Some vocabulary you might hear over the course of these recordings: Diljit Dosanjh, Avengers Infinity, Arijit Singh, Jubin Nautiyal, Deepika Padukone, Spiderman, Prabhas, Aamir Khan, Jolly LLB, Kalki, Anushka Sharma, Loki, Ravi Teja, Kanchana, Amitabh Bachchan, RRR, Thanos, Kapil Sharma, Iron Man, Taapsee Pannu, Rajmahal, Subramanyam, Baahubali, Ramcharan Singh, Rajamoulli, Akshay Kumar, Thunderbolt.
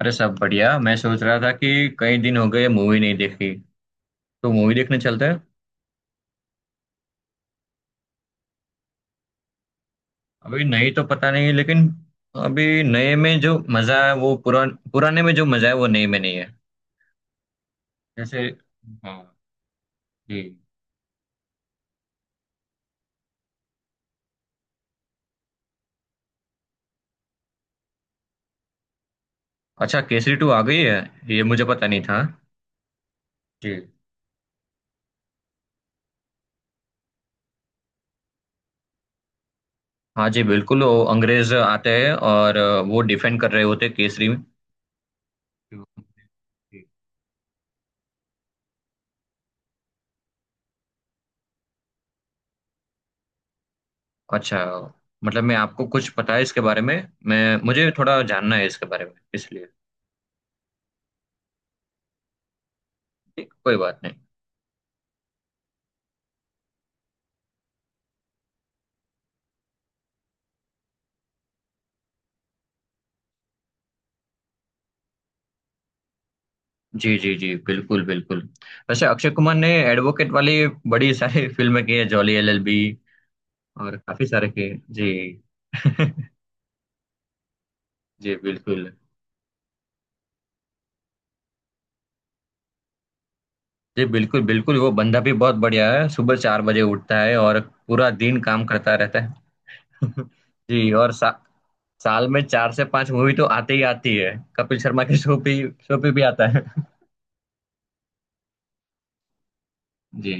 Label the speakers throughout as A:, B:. A: अरे, सब बढ़िया। मैं सोच रहा था कि कई दिन हो गए मूवी नहीं देखी, तो मूवी देखने चलते हैं। अभी नहीं तो पता नहीं, लेकिन अभी नए में जो मजा है वो पुराने में जो मजा है वो नए में नहीं है। जैसे। हाँ। जी। अच्छा, केसरी टू आ गई है। ये मुझे पता नहीं था। जी। हाँ जी, बिल्कुल। वो अंग्रेज आते हैं और वो डिफेंड कर रहे होते हैं केसरी में। जी। अच्छा। मतलब मैं आपको कुछ पता है इसके बारे में? मैं मुझे थोड़ा जानना है इसके बारे में, इसलिए। ठीक, कोई बात नहीं। जी जी जी, बिल्कुल बिल्कुल। वैसे अक्षय कुमार ने एडवोकेट वाली बड़ी सारी फिल्में की है। जॉली एलएलबी और काफी सारे के। जी। जी बिल्कुल। जी, बिल्कुल बिल्कुल। वो बंदा भी बहुत बढ़िया है, सुबह चार बजे उठता है और पूरा दिन काम करता रहता है। जी। और साल में चार से पांच मूवी तो आती ही आती है। कपिल शर्मा के शो पे भी आता है। जी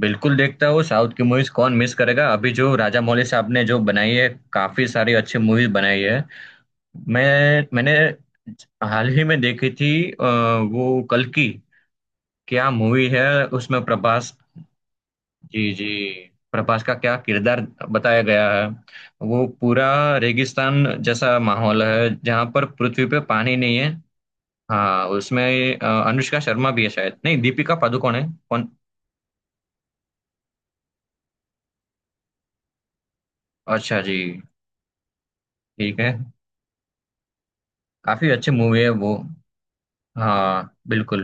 A: बिल्कुल, देखता हूँ साउथ की मूवीज। कौन मिस करेगा? अभी जो राजा मौली साहब ने जो बनाई है, काफी सारी अच्छी मूवीज बनाई है। मैंने हाल ही में देखी थी वो कल्कि। क्या मूवी है! उसमें प्रभास। जी जी, प्रभास का क्या किरदार बताया गया है। वो पूरा रेगिस्तान जैसा माहौल है जहाँ पर पृथ्वी पे पानी नहीं है। हाँ, उसमें अनुष्का शर्मा भी है शायद। नहीं, दीपिका पादुकोण है। कौन? अच्छा जी। ठीक है, काफी अच्छी मूवी है वो। हाँ, बिल्कुल।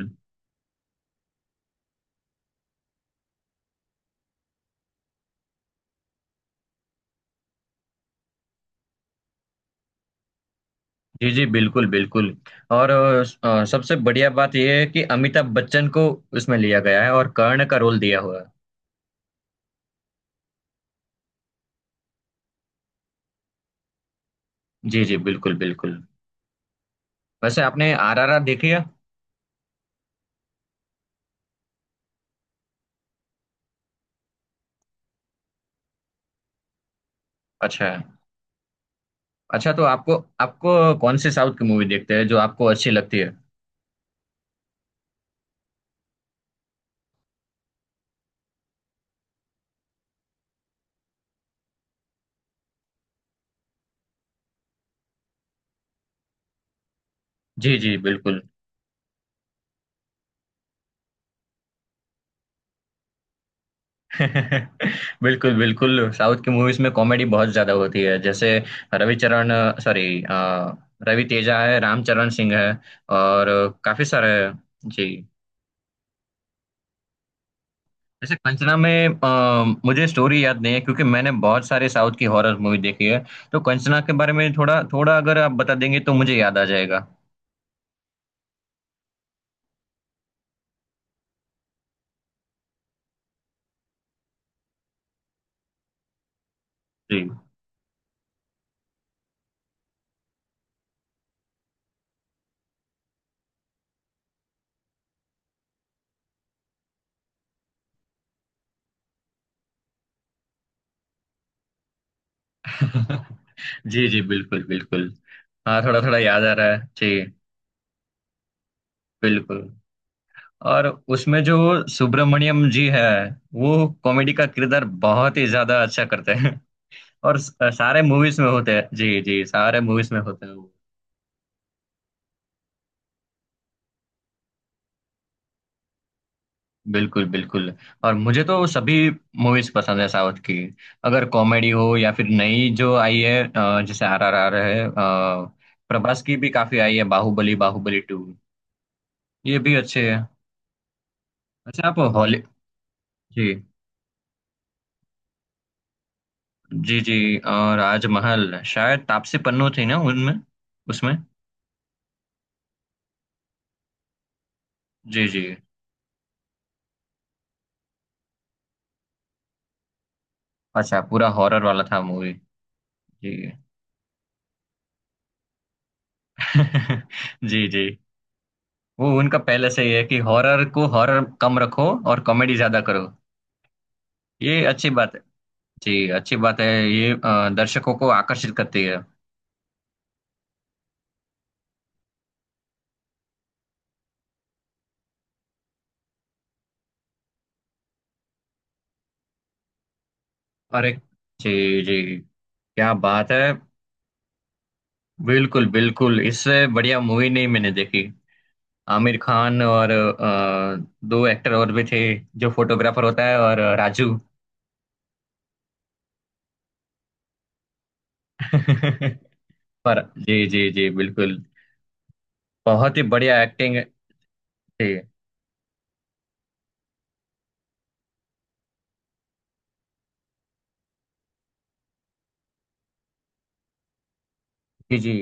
A: जी जी, बिल्कुल बिल्कुल। और सबसे बढ़िया बात यह है कि अमिताभ बच्चन को उसमें लिया गया है और कर्ण का रोल दिया हुआ है। जी जी, बिल्कुल बिल्कुल। वैसे आपने आरआरआर देखी है? अच्छा है। अच्छा तो आपको, आपको कौन सी साउथ की मूवी देखते हैं जो आपको अच्छी लगती है? जी जी, बिल्कुल। बिल्कुल बिल्कुल, साउथ की मूवीज में कॉमेडी बहुत ज्यादा होती है, जैसे रविचरण, सॉरी, रवि तेजा है, रामचरण सिंह है और काफी सारे हैं। जी। वैसे कंचना में मुझे स्टोरी याद नहीं है, क्योंकि मैंने बहुत सारे साउथ की हॉरर मूवी देखी है। तो कंचना के बारे में थोड़ा थोड़ा अगर आप बता देंगे तो मुझे याद आ जाएगा। जी। जी जी, बिल्कुल बिल्कुल। हाँ, थोड़ा थोड़ा याद आ रहा है जी। बिल्कुल। और उसमें जो सुब्रमण्यम जी है वो कॉमेडी का किरदार बहुत ही ज्यादा अच्छा करते हैं। और सारे मूवीज में होते हैं, जी जी, सारे मूवीज में होते हैं वो। बिल्कुल बिल्कुल। और मुझे तो सभी मूवीज पसंद है साउथ की। अगर कॉमेडी हो या फिर नई जो आई है, जैसे आर आर आर है। प्रभास की भी काफी आई है, बाहुबली, बाहुबली टू, ये भी अच्छे हैं। अच्छा, आप हॉली। जी जी जी। और राजमहल शायद तापसी पन्नू थी ना उनमें, उसमें। जी जी। अच्छा, पूरा हॉरर वाला था मूवी। जी। जी जी। वो उनका पहले से ही है कि हॉरर को हॉरर कम रखो और कॉमेडी ज्यादा करो। ये अच्छी बात है। जी, अच्छी बात है ये। दर्शकों को आकर्षित करती है। अरे, जी जी, क्या बात है। बिल्कुल बिल्कुल, इससे बढ़िया मूवी नहीं मैंने देखी। आमिर खान और दो एक्टर और भी थे, जो फोटोग्राफर होता है, और राजू। पर जी जी जी, बिल्कुल, बहुत ही बढ़िया एक्टिंग। जी जी जी,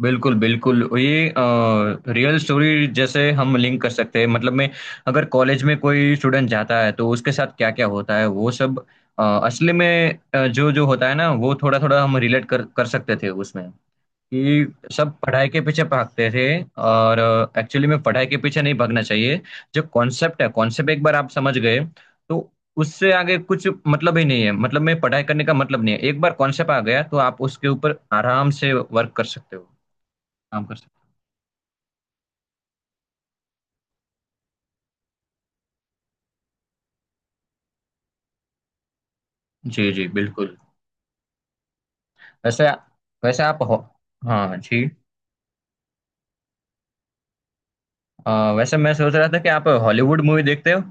A: बिल्कुल बिल्कुल। ये रियल स्टोरी जैसे हम लिंक कर सकते हैं, मतलब मैं अगर कॉलेज में कोई स्टूडेंट जाता है तो उसके साथ क्या क्या होता है वो सब असली में जो जो होता है ना, वो थोड़ा थोड़ा हम रिलेट कर कर सकते थे उसमें। कि सब पढ़ाई के पीछे भागते थे, और एक्चुअली में पढ़ाई के पीछे नहीं भागना चाहिए। जो कॉन्सेप्ट है, कॉन्सेप्ट एक बार आप समझ गए तो उससे आगे कुछ मतलब ही नहीं है। मतलब मैं पढ़ाई करने का मतलब नहीं है, एक बार कॉन्सेप्ट आ गया तो आप उसके ऊपर आराम से वर्क कर सकते हो, काम कर सकते। जी जी, बिल्कुल। वैसे वैसे आप हो हाँ जी। अ, वैसे मैं सोच रहा था कि आप हॉलीवुड मूवी देखते हो।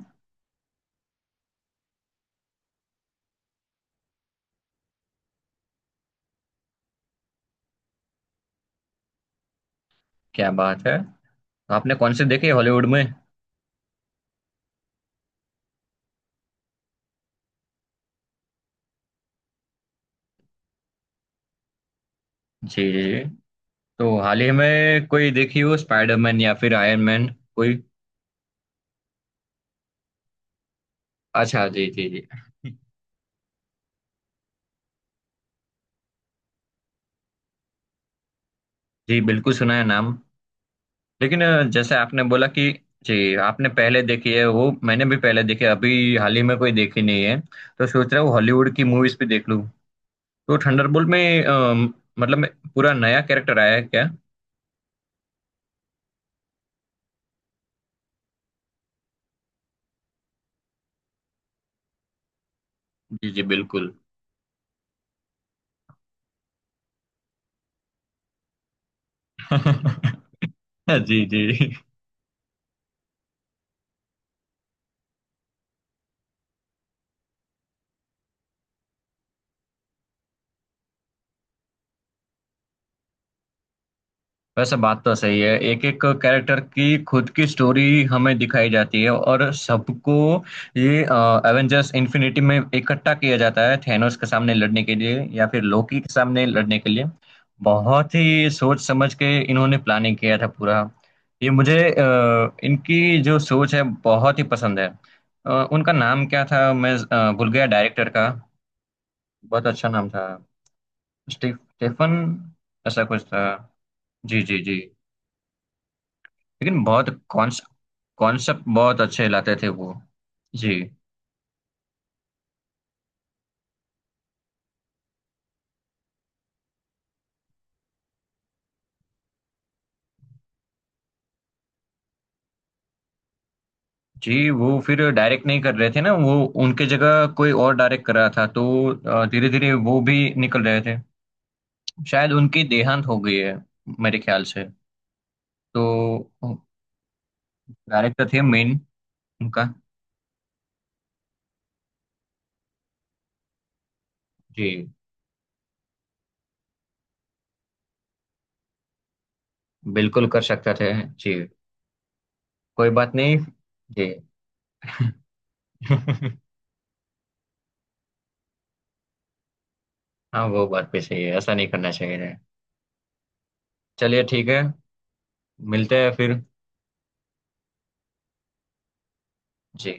A: क्या बात है! तो आपने कौन सी देखी है हॉलीवुड में? जी जी जी। तो हाल ही में कोई देखी हो स्पाइडरमैन या फिर आयरन मैन कोई? अच्छा जी जी जी। जी बिल्कुल, सुना है नाम। लेकिन जैसे आपने बोला कि जी आपने पहले देखी है वो मैंने भी पहले देखी है। अभी हाल ही में कोई देखी नहीं है, तो सोच रहा हूँ हॉलीवुड की मूवीज भी देख लूँ। तो थंडरबोल्ट में मतलब में पूरा नया कैरेक्टर आया है क्या? जी जी, बिल्कुल। जी जी। वैसे बात तो सही है, एक एक कैरेक्टर की खुद की स्टोरी हमें दिखाई जाती है और सबको ये एवेंजर्स इन्फिनिटी में इकट्ठा किया जाता है थैनोस के सामने लड़ने के लिए या फिर लोकी के सामने लड़ने के लिए। बहुत ही सोच समझ के इन्होंने प्लानिंग किया था पूरा। ये मुझे इनकी जो सोच है बहुत ही पसंद है। उनका नाम क्या था? मैं भूल गया डायरेक्टर का। बहुत अच्छा नाम था। स्टीफ स्टेफन ऐसा कुछ था। जी जी जी। लेकिन बहुत कॉन्सेप्ट बहुत अच्छे लाते थे वो। जी जी, वो फिर डायरेक्ट नहीं कर रहे थे ना वो, उनके जगह कोई और डायरेक्ट कर रहा था, तो धीरे धीरे वो भी निकल रहे थे। शायद उनकी देहांत हो गई है मेरे ख्याल से। तो डायरेक्टर थे मेन उनका। जी, बिल्कुल कर सकते थे। जी, कोई बात नहीं। जी। हाँ, वो बात भी सही है, ऐसा नहीं करना चाहिए। चलिए ठीक है, मिलते हैं फिर। जी।